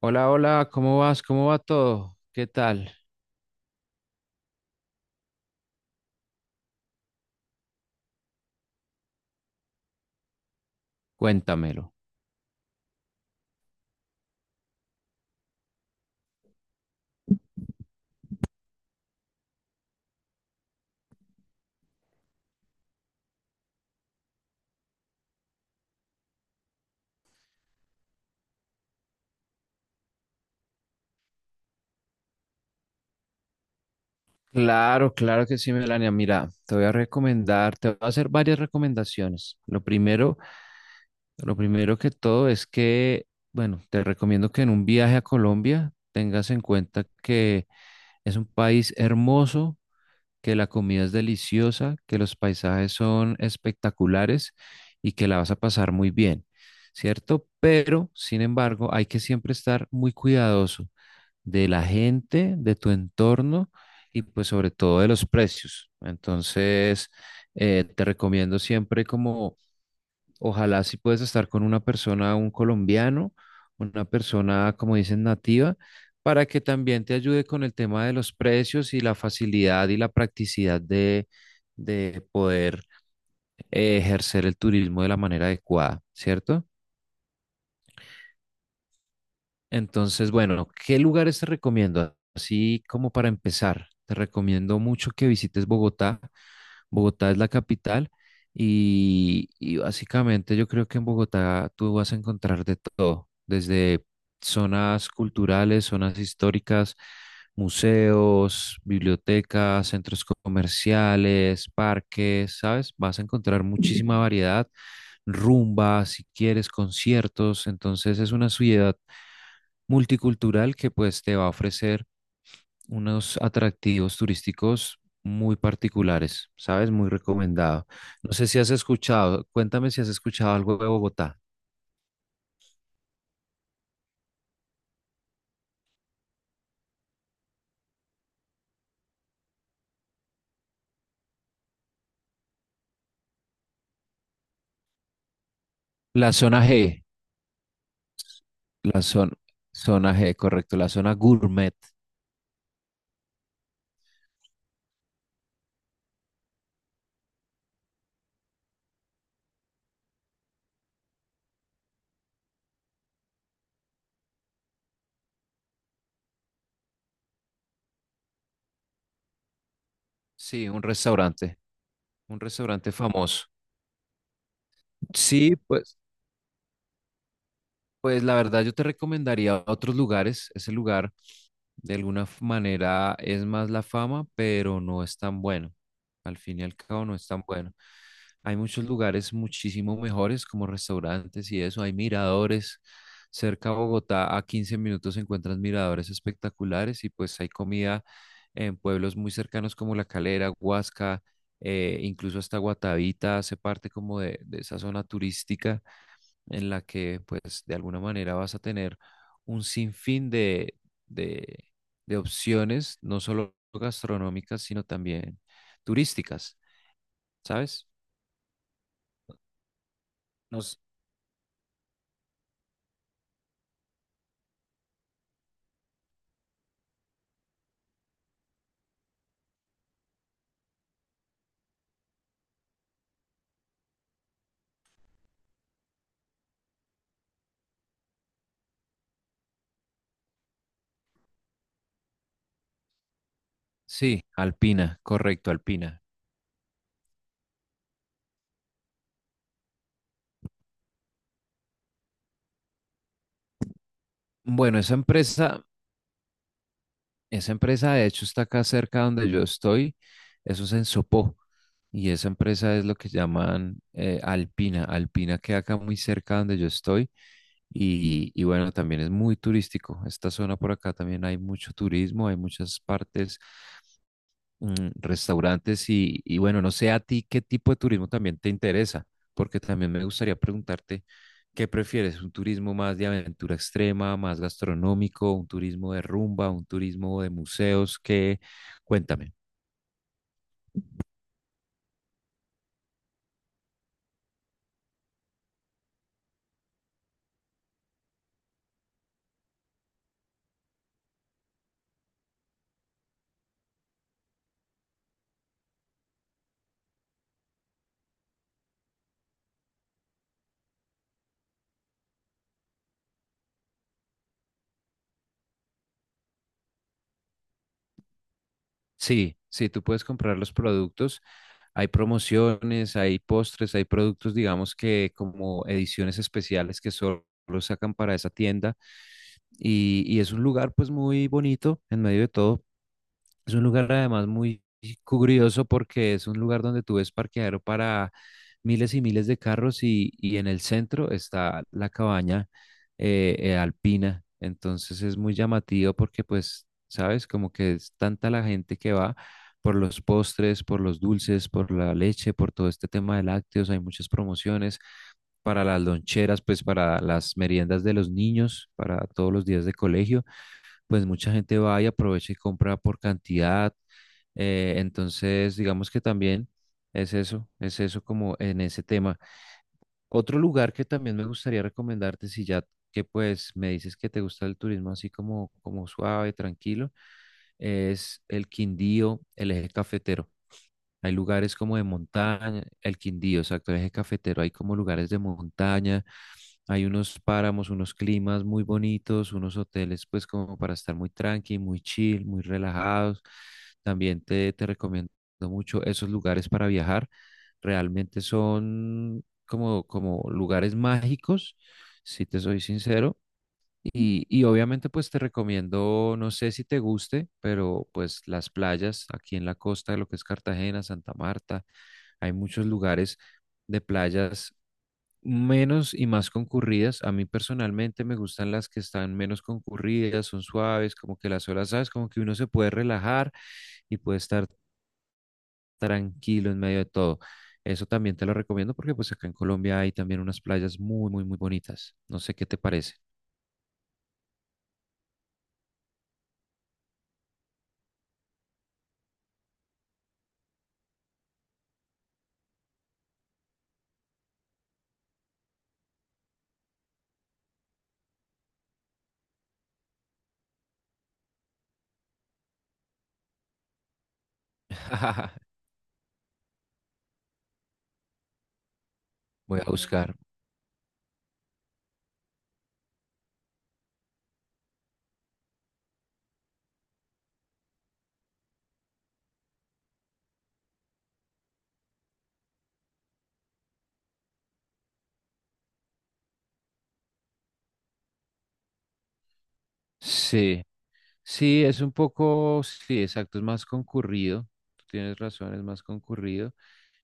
Hola, hola, ¿cómo vas? ¿Cómo va todo? ¿Qué tal? Cuéntamelo. Claro, claro que sí, Melania. Mira, te voy a recomendar, te voy a hacer varias recomendaciones. Lo primero que todo es que, bueno, te recomiendo que en un viaje a Colombia tengas en cuenta que es un país hermoso, que la comida es deliciosa, que los paisajes son espectaculares y que la vas a pasar muy bien, ¿cierto? Pero, sin embargo, hay que siempre estar muy cuidadoso de la gente, de tu entorno y pues sobre todo de los precios. Entonces, te recomiendo siempre como, ojalá si puedes estar con una persona, un colombiano, una persona, como dicen, nativa, para que también te ayude con el tema de los precios y la facilidad y la practicidad de poder ejercer el turismo de la manera adecuada, ¿cierto? Entonces, bueno, ¿qué lugares te recomiendo? Así como para empezar, te recomiendo mucho que visites Bogotá. Bogotá es la capital y básicamente yo creo que en Bogotá tú vas a encontrar de todo, desde zonas culturales, zonas históricas, museos, bibliotecas, centros comerciales, parques, ¿sabes? Vas a encontrar muchísima variedad, rumba, si quieres, conciertos, entonces es una ciudad multicultural que pues te va a ofrecer unos atractivos turísticos muy particulares, ¿sabes? Muy recomendado. No sé si has escuchado, cuéntame si has escuchado algo de Bogotá. La zona G, la zona, zona G, correcto, la zona gourmet. Sí, un restaurante famoso. Sí, pues. Pues la verdad yo te recomendaría otros lugares. Ese lugar de manera es más la fama, pero no es tan bueno. Al fin y al cabo no es tan bueno. Hay muchos lugares muchísimo mejores como restaurantes y eso. Hay miradores. Cerca a Bogotá, a 15 minutos se encuentran miradores espectaculares y pues hay comida en pueblos muy cercanos como La Calera, Huasca, incluso hasta Guatavita hace parte como de esa zona turística en la que pues de alguna manera vas a tener un sinfín de, de opciones, no solo gastronómicas, sino también turísticas, ¿sabes? Nos- sí, Alpina, correcto, Alpina. Bueno, esa empresa. Esa empresa, de hecho, está acá cerca donde yo estoy. Eso es en Sopó. Y esa empresa es lo que llaman Alpina. Alpina queda acá muy cerca donde yo estoy. Y bueno, también es muy turístico. Esta zona por acá también hay mucho turismo, hay muchas partes, restaurantes y bueno, no sé a ti qué tipo de turismo también te interesa, porque también me gustaría preguntarte qué prefieres, un turismo más de aventura extrema, más gastronómico, un turismo de rumba, un turismo de museos, qué, cuéntame. Sí, sí, tú puedes comprar los productos. Hay promociones, hay postres, hay productos, digamos que como ediciones especiales que solo sacan para esa tienda y es un lugar pues muy bonito en medio de todo. Es un lugar además muy curioso porque es un lugar donde tú ves parqueadero para miles y miles de carros y en el centro está la cabaña alpina. Entonces es muy llamativo porque pues, sabes, como que es tanta la gente que va por los postres, por los dulces, por la leche, por todo este tema de lácteos. Hay muchas promociones para las loncheras, pues para las meriendas de los niños, para todos los días de colegio, pues mucha gente va y aprovecha y compra por cantidad. Entonces, digamos que también es eso como en ese tema. Otro lugar que también me gustaría recomendarte, si ya que pues me dices que te gusta el turismo así como, como suave, tranquilo, es el Quindío, el eje cafetero. Hay lugares como de montaña, el Quindío, exacto, el eje cafetero, hay como lugares de montaña, hay unos páramos, unos climas muy bonitos, unos hoteles pues como para estar muy tranqui, muy chill, muy relajados. También te recomiendo mucho esos lugares para viajar. Realmente son como, como lugares mágicos, si te soy sincero y obviamente pues te recomiendo, no sé si te guste, pero pues las playas aquí en la costa de lo que es Cartagena, Santa Marta, hay muchos lugares de playas menos y más concurridas. A mí personalmente me gustan las que están menos concurridas, son suaves, como que las olas, ¿sabes? Como que uno se puede relajar y puede estar tranquilo en medio de todo. Eso también te lo recomiendo porque pues acá en Colombia hay también unas playas muy, muy, muy bonitas. No sé qué te parece. Voy a buscar. Sí, sí, es un poco, sí, exacto, es más concurrido, tú tienes razón, es más concurrido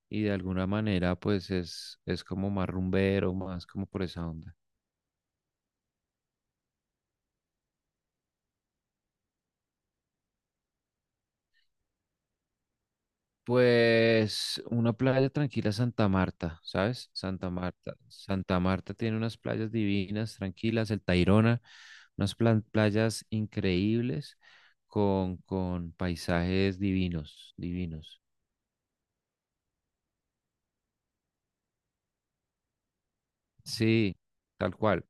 y de alguna manera pues es como más rumbero, más como por esa onda. Pues una playa tranquila, Santa Marta, ¿sabes? Santa Marta. Santa Marta tiene unas playas divinas, tranquilas, el Tayrona, playas increíbles con paisajes divinos, divinos. Sí, tal cual.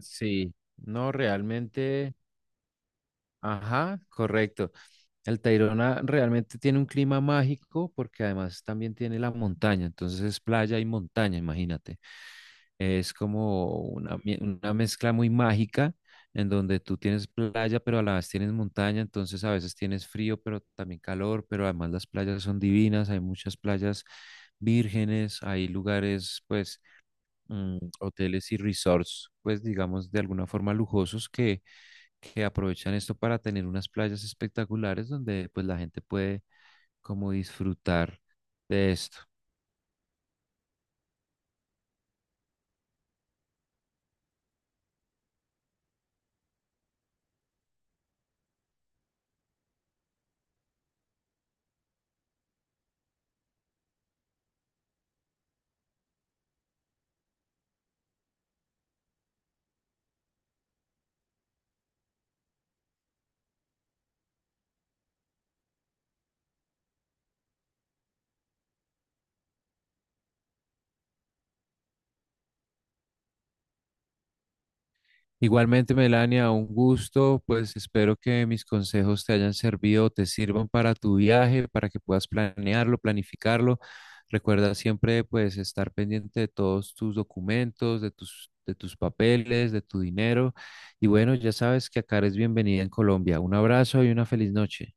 Sí, no, realmente, ajá, correcto. El Tayrona realmente tiene un clima mágico porque además también tiene la montaña, entonces es playa y montaña, imagínate. Es como una, una mezcla muy mágica en donde tú tienes playa, pero a la vez tienes montaña, entonces a veces tienes frío, pero también calor, pero además las playas son divinas, hay muchas playas vírgenes, hay lugares, pues, hoteles y resorts, pues digamos de alguna forma lujosos que aprovechan esto para tener unas playas espectaculares donde pues la gente puede como disfrutar de esto. Igualmente, Melania, un gusto, pues espero que mis consejos te hayan servido, te sirvan para tu viaje, para que puedas planearlo, planificarlo. Recuerda siempre pues estar pendiente de todos tus documentos, de tus papeles, de tu dinero. Y bueno, ya sabes que acá eres bienvenida en Colombia. Un abrazo y una feliz noche.